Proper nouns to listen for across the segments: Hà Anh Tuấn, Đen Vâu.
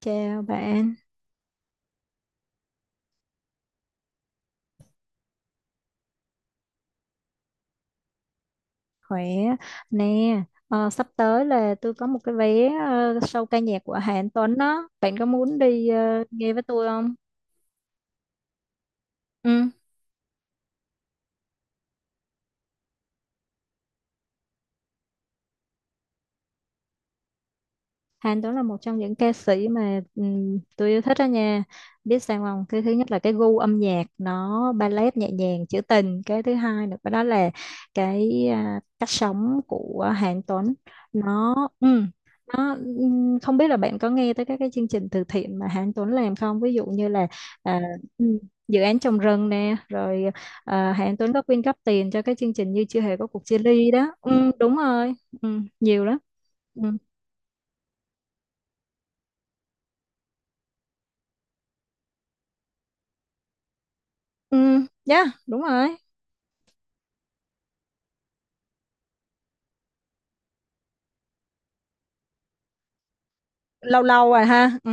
Chào bạn, khỏe nè. Sắp tới là tôi có một cái vé show ca nhạc của Hà Anh Tuấn đó. Bạn có muốn đi nghe với tôi không? Ừ. Hàn Tuấn là một trong những ca sĩ mà tôi yêu thích đó nha. Biết sao không? Cái thứ nhất là cái gu âm nhạc nó ballet nhẹ nhàng, trữ tình. Cái thứ hai nữa đó là cái cách sống của Hàn Tuấn. Nó ừm, nó không biết là bạn có nghe tới các cái chương trình từ thiện mà Hàn Tuấn làm không? Ví dụ như là à, ừm, dự án trồng rừng nè, rồi Hàn Tuấn có quyên góp tiền cho cái chương trình như chưa hề có cuộc chia ly đó. Đúng rồi. Nhiều lắm. Ừ, yeah, đúng rồi. Lâu lâu rồi ha. Ừ.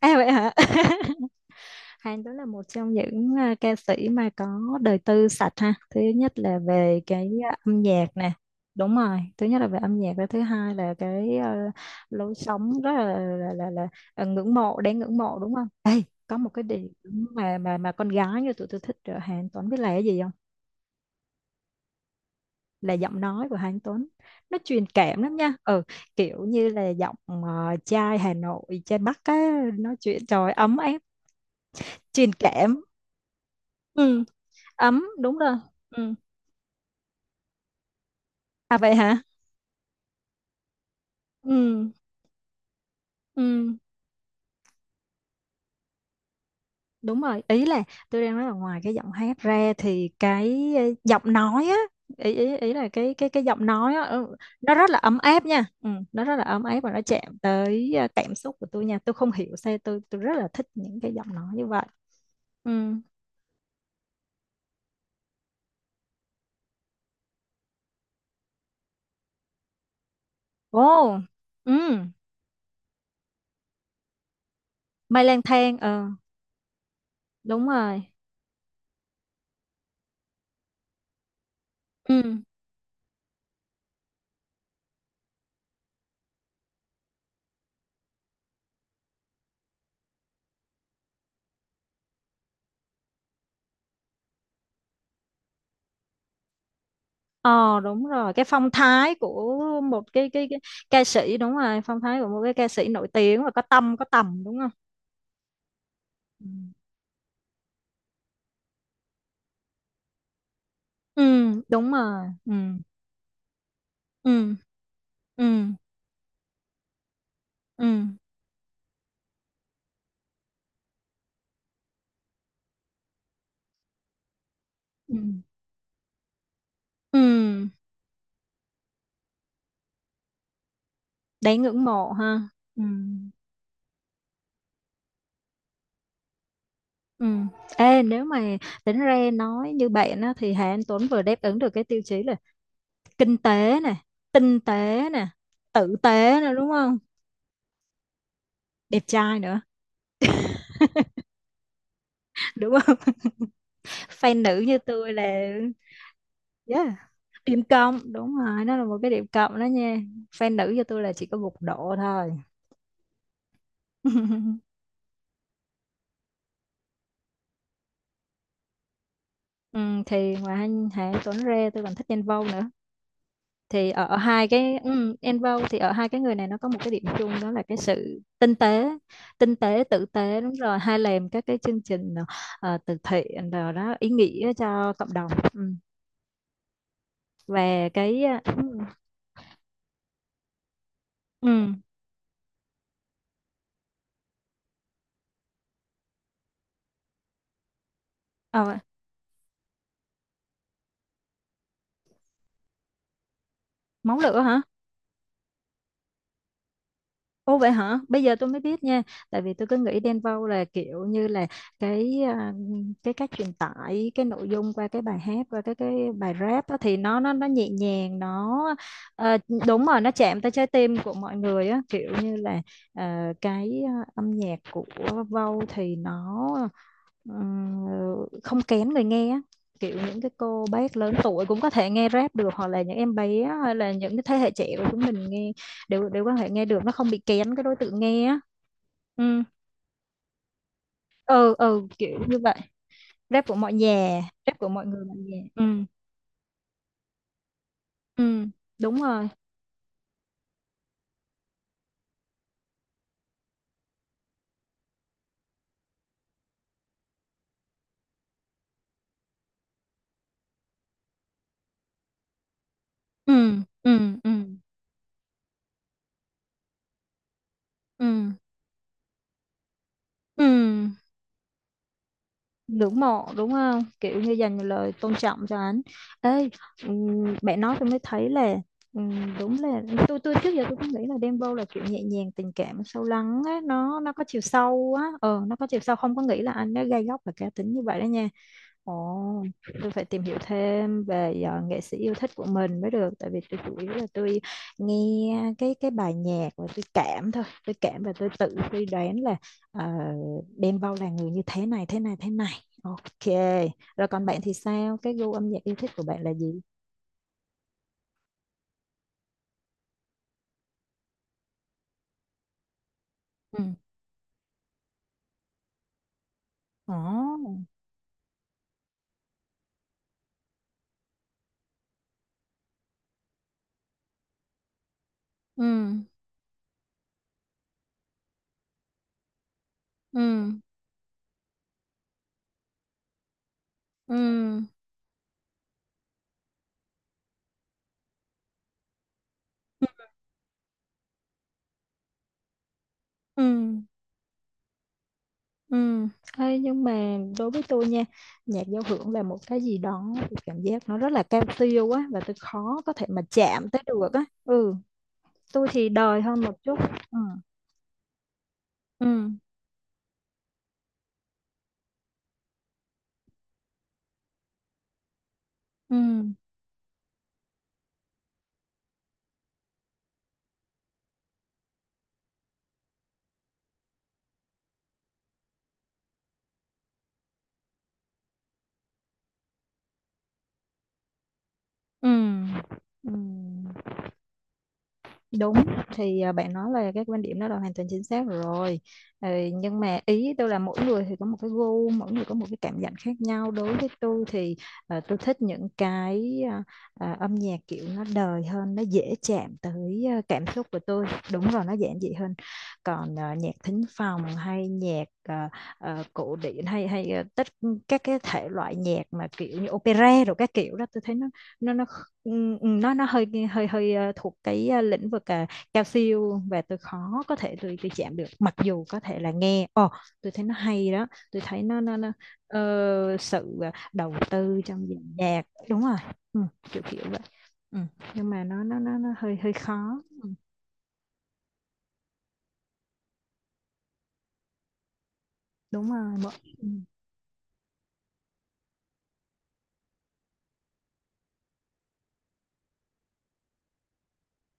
À vậy hả? Hàn đó là một trong những ca sĩ mà có đời tư sạch ha. Thứ nhất là về cái âm nhạc nè. Đúng rồi. Thứ nhất là về âm nhạc và thứ hai là cái lối sống rất là ngưỡng mộ, đáng ngưỡng mộ đúng không? Ê, có một cái điểm mà con gái như tụi tôi thích ở Hàn Tuấn biết là cái gì không? Là giọng nói của Hà Anh Tuấn, nó truyền cảm lắm nha. Ừ, kiểu như là giọng trai Hà Nội, trai Bắc á, nói chuyện trời ơi, ấm áp, truyền cảm. Ừ, ấm, đúng rồi. Ừ, à vậy hả. Ừ. Ừ, đúng rồi. Ý là tôi đang nói là ngoài cái giọng hát ra thì cái giọng nói á, ý ý ý là cái giọng nói á. Ừ, nó rất là ấm áp nha. Ừ, nó rất là ấm áp và nó chạm tới cảm xúc của tôi nha. Tôi không hiểu sao tôi rất là thích những cái giọng nói như vậy. Ừ. Ồ, ừ, mây lang thang, ờ, đúng rồi. Ừ, ờ, đúng rồi, cái phong thái của một cái, cái ca sĩ, đúng rồi, phong thái của một cái ca sĩ nổi tiếng và có tâm, có tầm, đúng không? Ừ, ừ, đúng rồi, ừ, ừ, ừ, ừ, ừ, ừ, đáng ngưỡng mộ ha. Ừ. Ừ. Ê, nếu mà tính ra nói như bạn á, thì Hà Anh Tuấn vừa đáp ứng được cái tiêu chí là kinh tế nè, tinh tế nè, tử tế nè, đúng không? Đẹp trai nữa. Đúng không, fan nữ như tôi là yeah, điểm cộng, đúng rồi, nó là một cái điểm cộng đó nha. Fan nữ cho tôi là chỉ có một độ thôi. Ừ, thì ngoài anh Hà Tuấn Rê, tôi còn thích Đen Vâu nữa. Thì ở hai cái, Đen Vâu, thì ở hai cái người này nó có một cái điểm chung đó là cái sự tinh tế. Tinh tế, tử tế, đúng rồi, hay làm các cái chương trình từ thiện rồi đó, ý nghĩa cho cộng đồng. Ừ. Và cái ừ, ờ, máu lửa hả? Ồ vậy hả? Bây giờ tôi mới biết nha. Tại vì tôi cứ nghĩ Đen Vâu là kiểu như là cái cái cách truyền tải cái nội dung qua cái bài hát, qua cái bài rap á, thì nó nhẹ nhàng nó ờ, đúng rồi, nó chạm tới trái tim của mọi người á, kiểu như là cái âm nhạc của Vâu thì nó ờ, không kén người nghe á. Kiểu những cái cô bác lớn tuổi cũng có thể nghe rap được, hoặc là những em bé hay là những cái thế hệ trẻ của chúng mình nghe, để quan hệ nghe được, nó không bị kén cái đối tượng nghe á. Ừ ừ ừ kiểu như vậy. Rap của mọi nhà, rap của mọi người mọi nhà. Ừ, ừ, đúng rồi. Ừ, ừ, ừ, ừ, ừ, ngưỡng mộ đúng không, kiểu như dành lời tôn trọng cho anh ấy. Ừm, bạn nói tôi mới thấy là đúng là tôi trước giờ tôi cứ nghĩ là Dembow là kiểu nhẹ nhàng, tình cảm, sâu lắng á, nó có chiều sâu á, ờ nó có chiều sâu, không có nghĩ là anh nó gay góc và cá tính như vậy đó nha. Ồ, tôi phải tìm hiểu thêm về nghệ sĩ yêu thích của mình mới được, tại vì tôi chủ yếu là tôi nghe cái bài nhạc và tôi cảm thôi, tôi cảm và tôi tự suy đoán là ờ, Đen Vâu là người như thế này thế này thế này. Ok, rồi còn bạn thì sao, cái gu âm nhạc yêu thích của bạn là gì? Ừ. Ồ, ừ, ừ. Ê, nhưng mà đối với tôi nha, nhạc giao hưởng là một cái gì đó, tôi cảm giác nó rất là cao siêu á, và tôi khó có thể mà chạm tới được á. Ừ. Tôi thì đời hơn một chút. Ừ. Ừ, ừ, ừ, ừ. Đúng, thì bạn nói là cái quan điểm đó là hoàn toàn chính xác rồi. Ừ, nhưng mà ý tôi là mỗi người thì có một cái gu, mỗi người có một cái cảm nhận khác nhau, đối với tôi thì tôi thích những cái âm nhạc kiểu nó đời hơn, nó dễ chạm tới cảm xúc của tôi. Đúng rồi, nó giản dị hơn. Còn nhạc thính phòng hay nhạc cổ điển hay hay à, tất các cái thể loại nhạc mà kiểu như opera rồi các kiểu đó, tôi thấy nó nó Ừ, ừ, nó hơi hơi hơi thuộc cái lĩnh vực cao siêu, và tôi khó có thể, tôi chạm được, mặc dù có thể là nghe ồ tôi thấy nó hay đó, tôi thấy nó nó sự đầu tư trong dàn nhạc, đúng rồi. Ừ, kiểu kiểu vậy. Ừ. Nhưng mà nó hơi hơi khó. Đúng rồi, mỗi, ừ.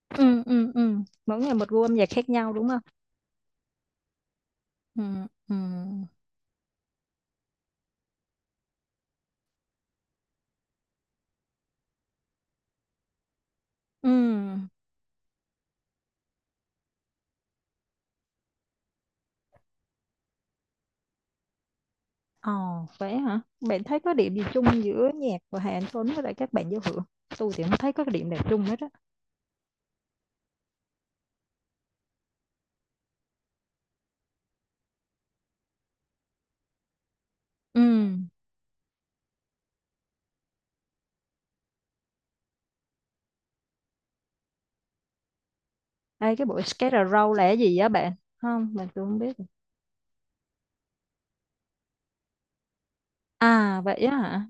Ừ, ừ, ừ. Mỗi người một gu âm nhạc khác nhau đúng không. Ừ, ừ. Ừ. Ồ, vậy hả? Bạn thấy có điểm gì chung giữa nhạc của Hà Anh Tuấn với lại các bạn giao hưởng? Tôi thì không thấy có cái điểm nào chung hết á. Ừ. Đây cái buổi Skate a Row là cái gì á bạn? Không, tôi không biết. À, vậy á hả?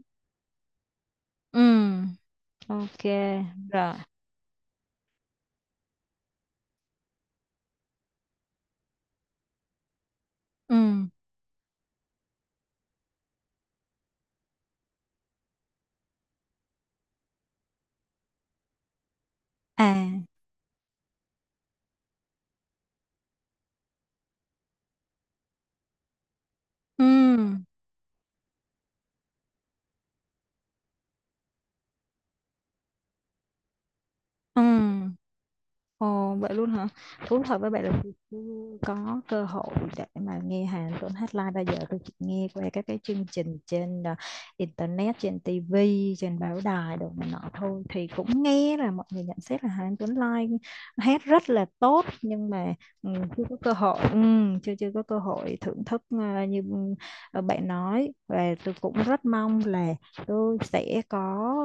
Ừ. Ok, rồi. Ừ. À. Ừ. Ừ. Ồ, vậy luôn hả? Thú thật với bạn là tôi chưa có cơ hội để mà nghe Hàn Tuấn hát live bao giờ, tôi chỉ nghe qua các cái chương trình trên internet, trên TV, trên báo đài đồ này nọ thôi, thì cũng nghe là mọi người nhận xét là Hàn Tuấn live hát rất là tốt, nhưng mà ừ, chưa có cơ hội. Ừ, chưa chưa có cơ hội thưởng thức như ừ, bạn nói, và tôi cũng rất mong là tôi sẽ có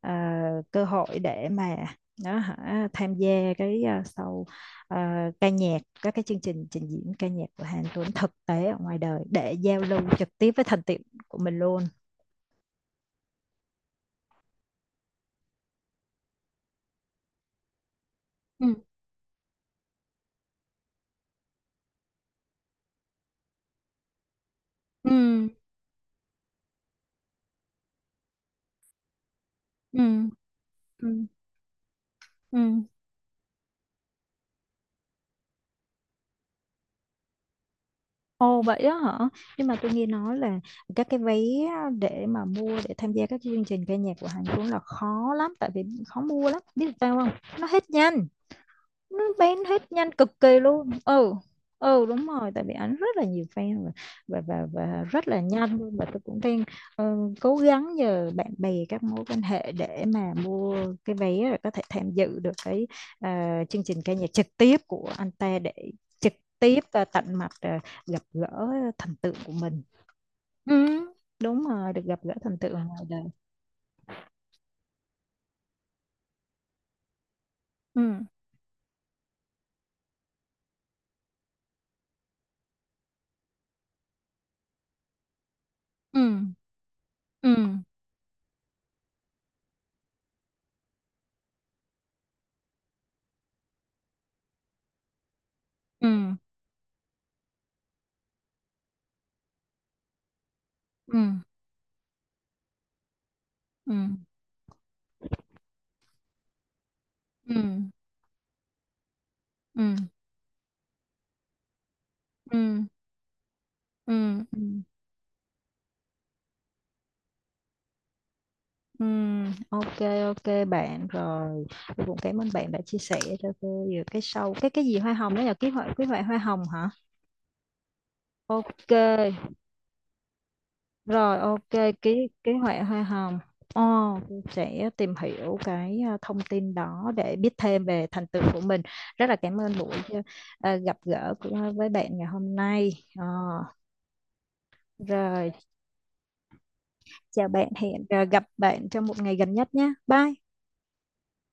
à, cơ hội để mà đó hả tham gia cái show ca nhạc, các cái chương trình trình diễn ca nhạc của Hàn Tuấn thực tế ở ngoài đời để giao lưu trực tiếp với thành tiệu của mình luôn. Ừ, ừ, ừ, ừ, ừ, ồ vậy đó hả. Nhưng mà tôi nghe nói là các cái vé để mà mua để tham gia các chương trình ca nhạc của Hàn Tuấn là khó lắm, tại vì khó mua lắm, biết sao không, nó hết nhanh, nó bán hết nhanh cực kỳ luôn. Ừ, ừ, đúng rồi, tại vì ảnh rất là nhiều fan, và và rất là nhanh luôn, và tôi cũng đang ờ, cố gắng nhờ bạn bè, các mối quan hệ để mà mua cái vé, rồi có thể tham dự được cái chương trình ca nhạc trực tiếp của anh ta, để trực tiếp và tận mặt gặp gỡ thần tượng của mình. Ừ, đúng rồi, được gặp gỡ thần tượng ngoài đời. Ừ, ừ, ừ, ừ, ừ, ừ, ừ, ừ, ừ, ừ, ừ. Ok, ok bạn, rồi tôi cũng cảm ơn bạn đã chia sẻ cho tôi về cái sâu cái gì hoa hồng đó, là ký họa, ký họa hoa hồng hả? Ok, rồi, ok, ký ký họa hoa hồng. Ồ, tôi sẽ tìm hiểu cái thông tin đó để biết thêm về thành tựu của mình. Rất là cảm ơn buổi gặp gỡ của, với bạn ngày hôm nay. Ờ, rồi, chào bạn, hẹn gặp bạn trong một ngày gần nhất nhé, bye.